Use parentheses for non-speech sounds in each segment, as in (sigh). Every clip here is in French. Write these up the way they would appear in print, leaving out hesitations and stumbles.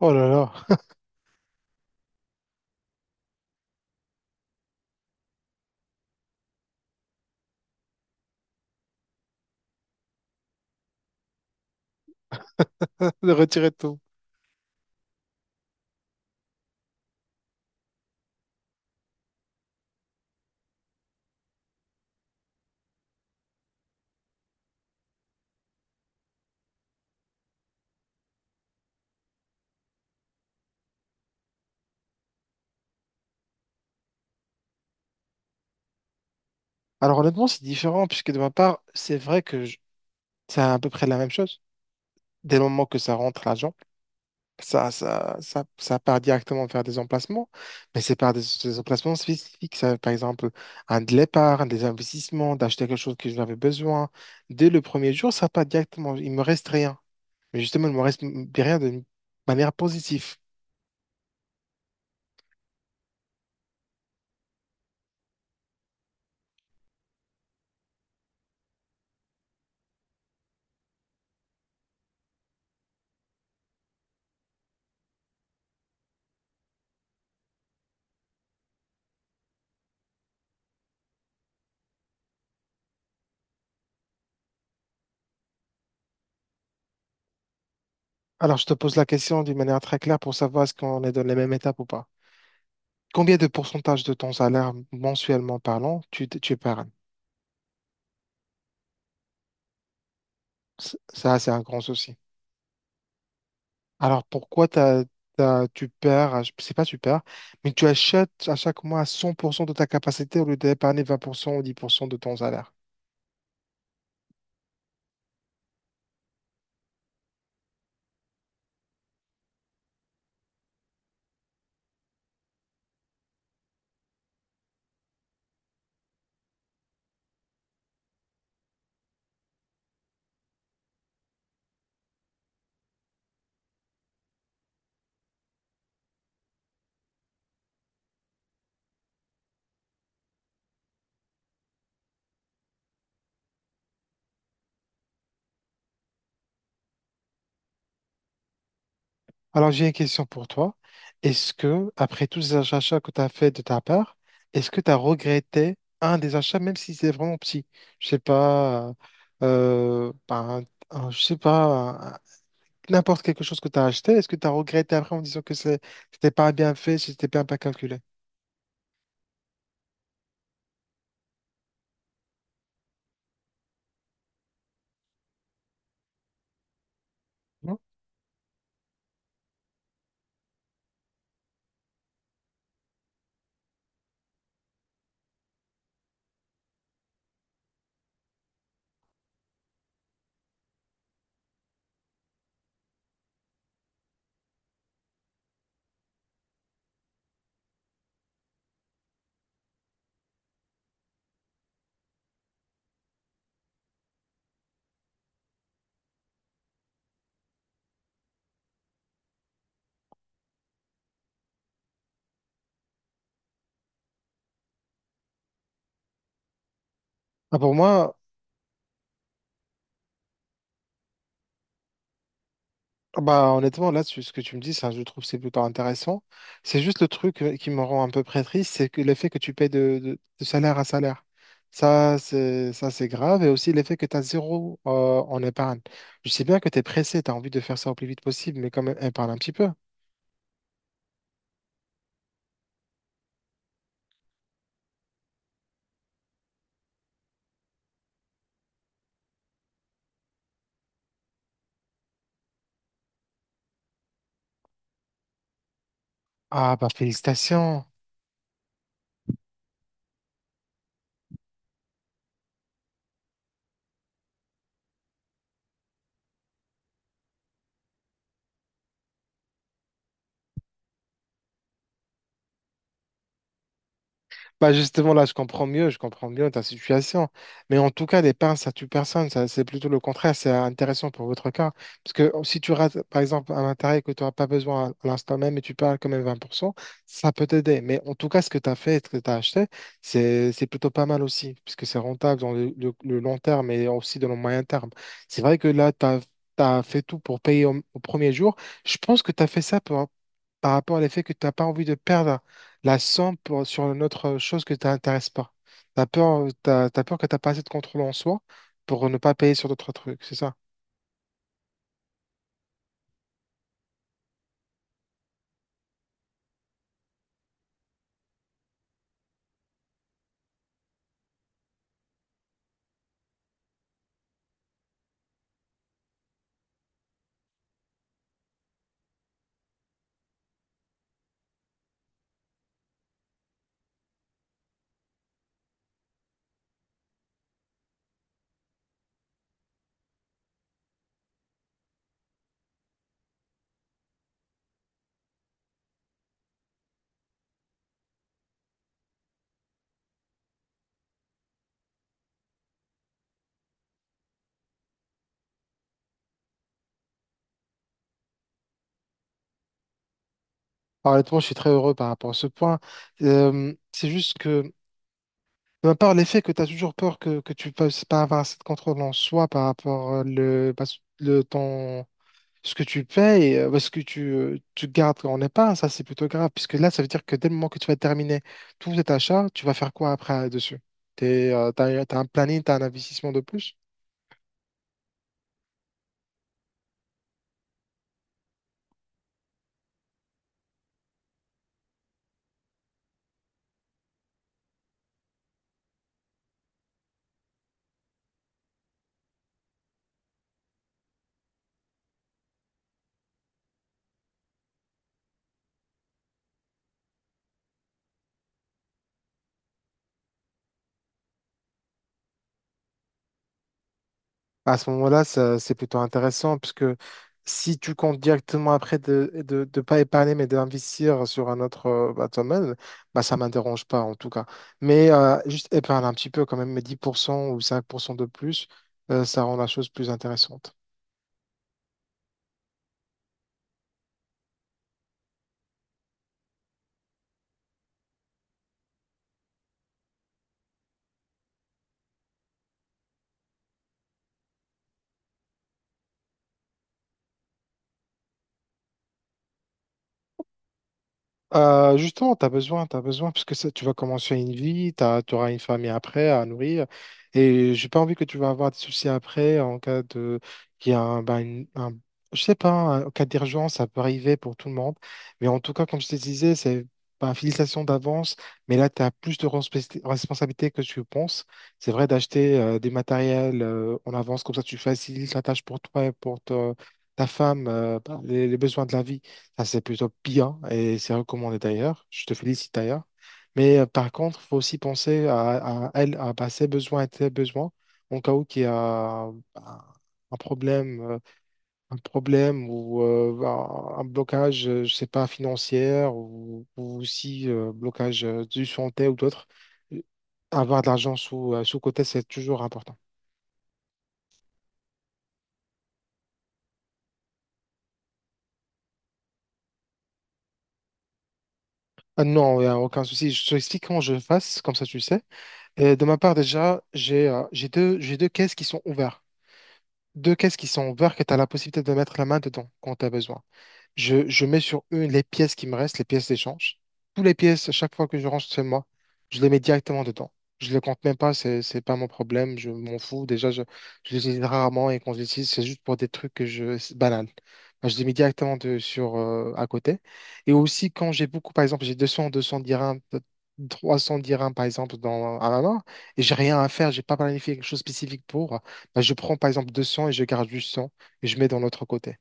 Oh là là, (laughs) de retirer tout. Alors honnêtement, c'est différent puisque de ma part, c'est vrai que c'est à peu près la même chose. Dès le moment que ça rentre l'argent, ça part directement vers des emplacements, mais c'est par des emplacements spécifiques. Ça, par exemple, un de l'épargne, des investissements, d'acheter quelque chose que j'avais besoin. Dès le premier jour, ça part directement. Il me reste rien. Mais justement, il me reste derrière de manière positive. Alors, je te pose la question d'une manière très claire pour savoir est-ce qu'on est dans les mêmes étapes ou pas. Combien de pourcentage de ton salaire mensuellement parlant tu épargnes? Ça, c'est un grand souci. Alors pourquoi tu perds, c'est pas tu perds, mais tu achètes à chaque mois à 100% de ta capacité au lieu d'épargner vingt pour cent ou dix pour cent de ton salaire. Alors, j'ai une question pour toi. Est-ce que, après tous ces achats que tu as fait de ta part, est-ce que tu as regretté un des achats, même si c'est vraiment petit? Je sais pas, ben, je sais pas, un- n'importe quelque chose que tu as acheté, est-ce que tu as regretté après en disant que c'était pas bien fait, c'était pas bien calculé? Non. Ah, pour moi. Ah bah, honnêtement, là, ce que tu me dis, ça, je trouve, c'est plutôt intéressant. C'est juste le truc qui me rend un peu près triste, c'est que l'effet que tu payes de salaire à salaire. Ça, c'est grave. Et aussi l'effet que tu as zéro en épargne. Je sais bien que tu es pressé, tu as envie de faire ça au plus vite possible, mais quand même, épargne un petit peu. Ah, bah, félicitations. Bah justement, là, je comprends mieux ta situation. Mais en tout cas, les pains, ça tue personne. Ça, c'est plutôt le contraire. C'est intéressant pour votre cas. Parce que si tu rates, par exemple, un matériel que tu n'auras pas besoin à l'instant même et tu perds quand même 20%, ça peut t'aider. Mais en tout cas, ce que tu as fait, et ce que tu as acheté, c'est plutôt pas mal aussi. Puisque c'est rentable dans le long terme et aussi dans le moyen terme. C'est vrai que là, tu as fait tout pour payer au premier jour. Je pense que tu as fait ça pour, par rapport à l'effet que tu n'as pas envie de perdre la somme sur une autre chose que tu t'intéresses pas. T'as peur, t'as peur que t'as pas assez de contrôle en soi pour ne pas payer sur d'autres trucs, c'est ça? Alors, honnêtement, je suis très heureux par rapport à ce point. C'est juste que, de ma part, l'effet que tu as toujours peur que tu ne puisses pas avoir assez de contrôle en soi par rapport à le, pas- le temps. Ce que tu payes, et, ouais, ce que tu, tu gardes quand on n'est pas, ça c'est plutôt grave, puisque là, ça veut dire que dès le moment que tu vas terminer tout cet achat, tu vas faire quoi après dessus? T'as un planning, t'as un investissement de plus? À ce moment-là, c'est plutôt intéressant puisque si tu comptes directement après de pas épargner mais d'investir sur un autre bah, domaine, bah, ça ne m'interroge pas en tout cas. Mais juste épargne un petit peu quand même, mais 10% ou 5% de plus, ça rend la chose plus intéressante. Justement, tu as besoin, parce que ça, tu vas commencer une vie, tu auras une famille après à nourrir, et j'ai pas envie que tu vas avoir des soucis après en cas de, qu'il y a un, ben, une- un- je sais pas, un- en cas d'urgence, ça peut arriver pour tout le monde, mais en tout cas, comme je te disais, c'est ben, félicitations d'avance, mais là, tu as plus de responsabilité responsabilité que tu penses. C'est vrai d'acheter des matériels en avance, comme ça, tu facilites la tâche pour toi et pour ta femme, ben, les besoins de la vie. Ça, c'est plutôt bien et c'est recommandé d'ailleurs. Je te félicite d'ailleurs. Mais par contre, il faut aussi penser à elle, à bah, ses besoins et tes besoins en cas où il y a un problème, euh, un problème ou un blocage, je sais pas, financier ou aussi blocage du santé ou d'autres. Euh, Avoir de l'argent sous, sous côté, c'est toujours important. Ah non, il n'y a aucun souci. Je t'explique comment je fasse, comme ça tu sais. Et de ma part, déjà, j'ai deux caisses qui sont ouvertes. Deux caisses qui sont ouvertes et tu as la possibilité de mettre la main dedans quand tu as besoin. Je mets sur une les pièces qui me restent, les pièces d'échange. Toutes les pièces, à chaque fois que je range chez moi, je les mets directement dedans. Je les compte même pas, c'est pas mon problème, je m'en fous. Je les utilise rarement et quand je les utilise, c'est juste pour des trucs que je, c'est banal. Moi, je les mets directement à côté. Et aussi, quand j'ai beaucoup, par exemple, j'ai 200 dirhams, peut-être 300 dirhams, par exemple, à ma main, et j'ai rien à faire, j'ai pas planifié quelque chose de spécifique pour, bah, je prends, par exemple, 200 et je garde juste 100 et je mets dans l'autre côté.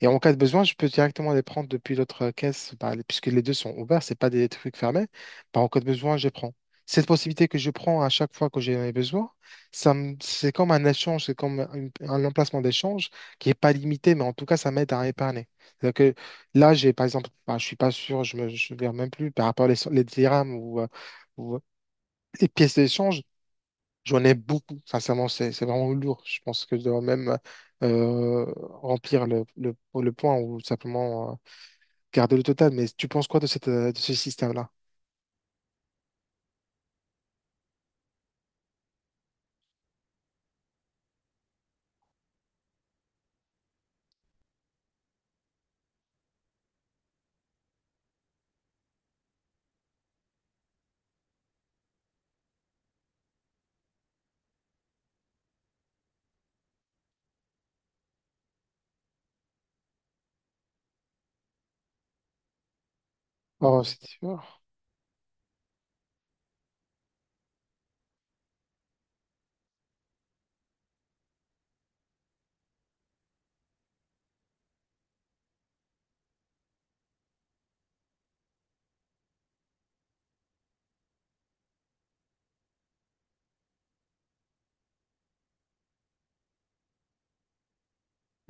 Et en cas de besoin, je peux directement les prendre depuis l'autre caisse, bah, puisque les deux sont ouverts, c'est pas des trucs fermés. Bah, en cas de besoin, je prends. Cette possibilité que je prends à chaque fois que j'ai ai besoin, c'est comme un échange, c'est comme un emplacement d'échange qui n'est pas limité, mais en tout cas, ça m'aide à épargner. C'est-à-dire que là, j'ai par exemple, bah, je suis pas sûr, je me souviens même plus par rapport aux les dirhams ou, ou euh, les pièces d'échange. J'en ai beaucoup, sincèrement, c'est vraiment lourd. Je pense que je dois même remplir le point ou simplement garder le total. Mais tu penses quoi de cette, de ce système-là? Oh, c'est dur.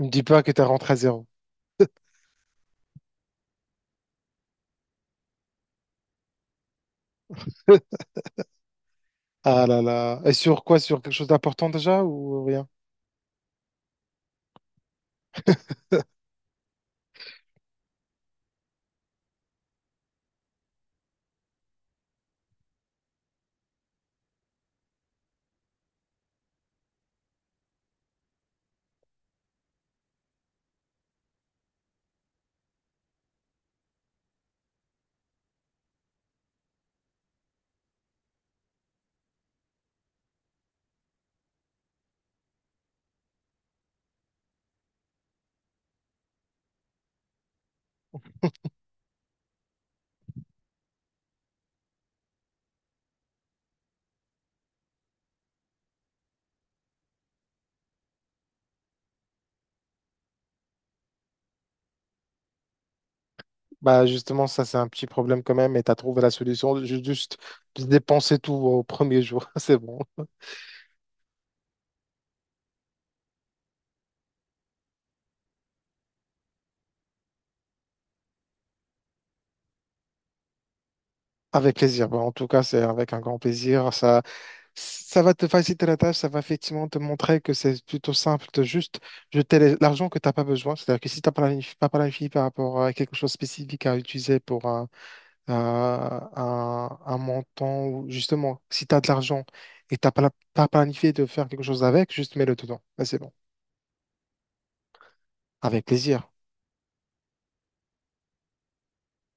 Ne me dis pas que tu as rentré à zéro. (laughs) Ah là là. Et sur quoi? Sur quelque chose d'important déjà ou rien? Bah justement, ça c'est un petit problème quand même et tu as trouvé la solution. Juste dépenser tout au premier jour, (laughs) c'est bon. Avec plaisir. Bah, en tout cas, c'est avec un grand plaisir. Ça va te faciliter la tâche, ça va effectivement te montrer que c'est plutôt simple de juste jeter l'argent que tu n'as pas besoin. C'est-à-dire que si tu n'as pas pas planifié par rapport à quelque chose de spécifique à utiliser pour un montant, ou justement, si tu as de l'argent et tu n'as pas, pas planifié de faire quelque chose avec, juste mets-le dedans. Bah, c'est bon. Avec plaisir.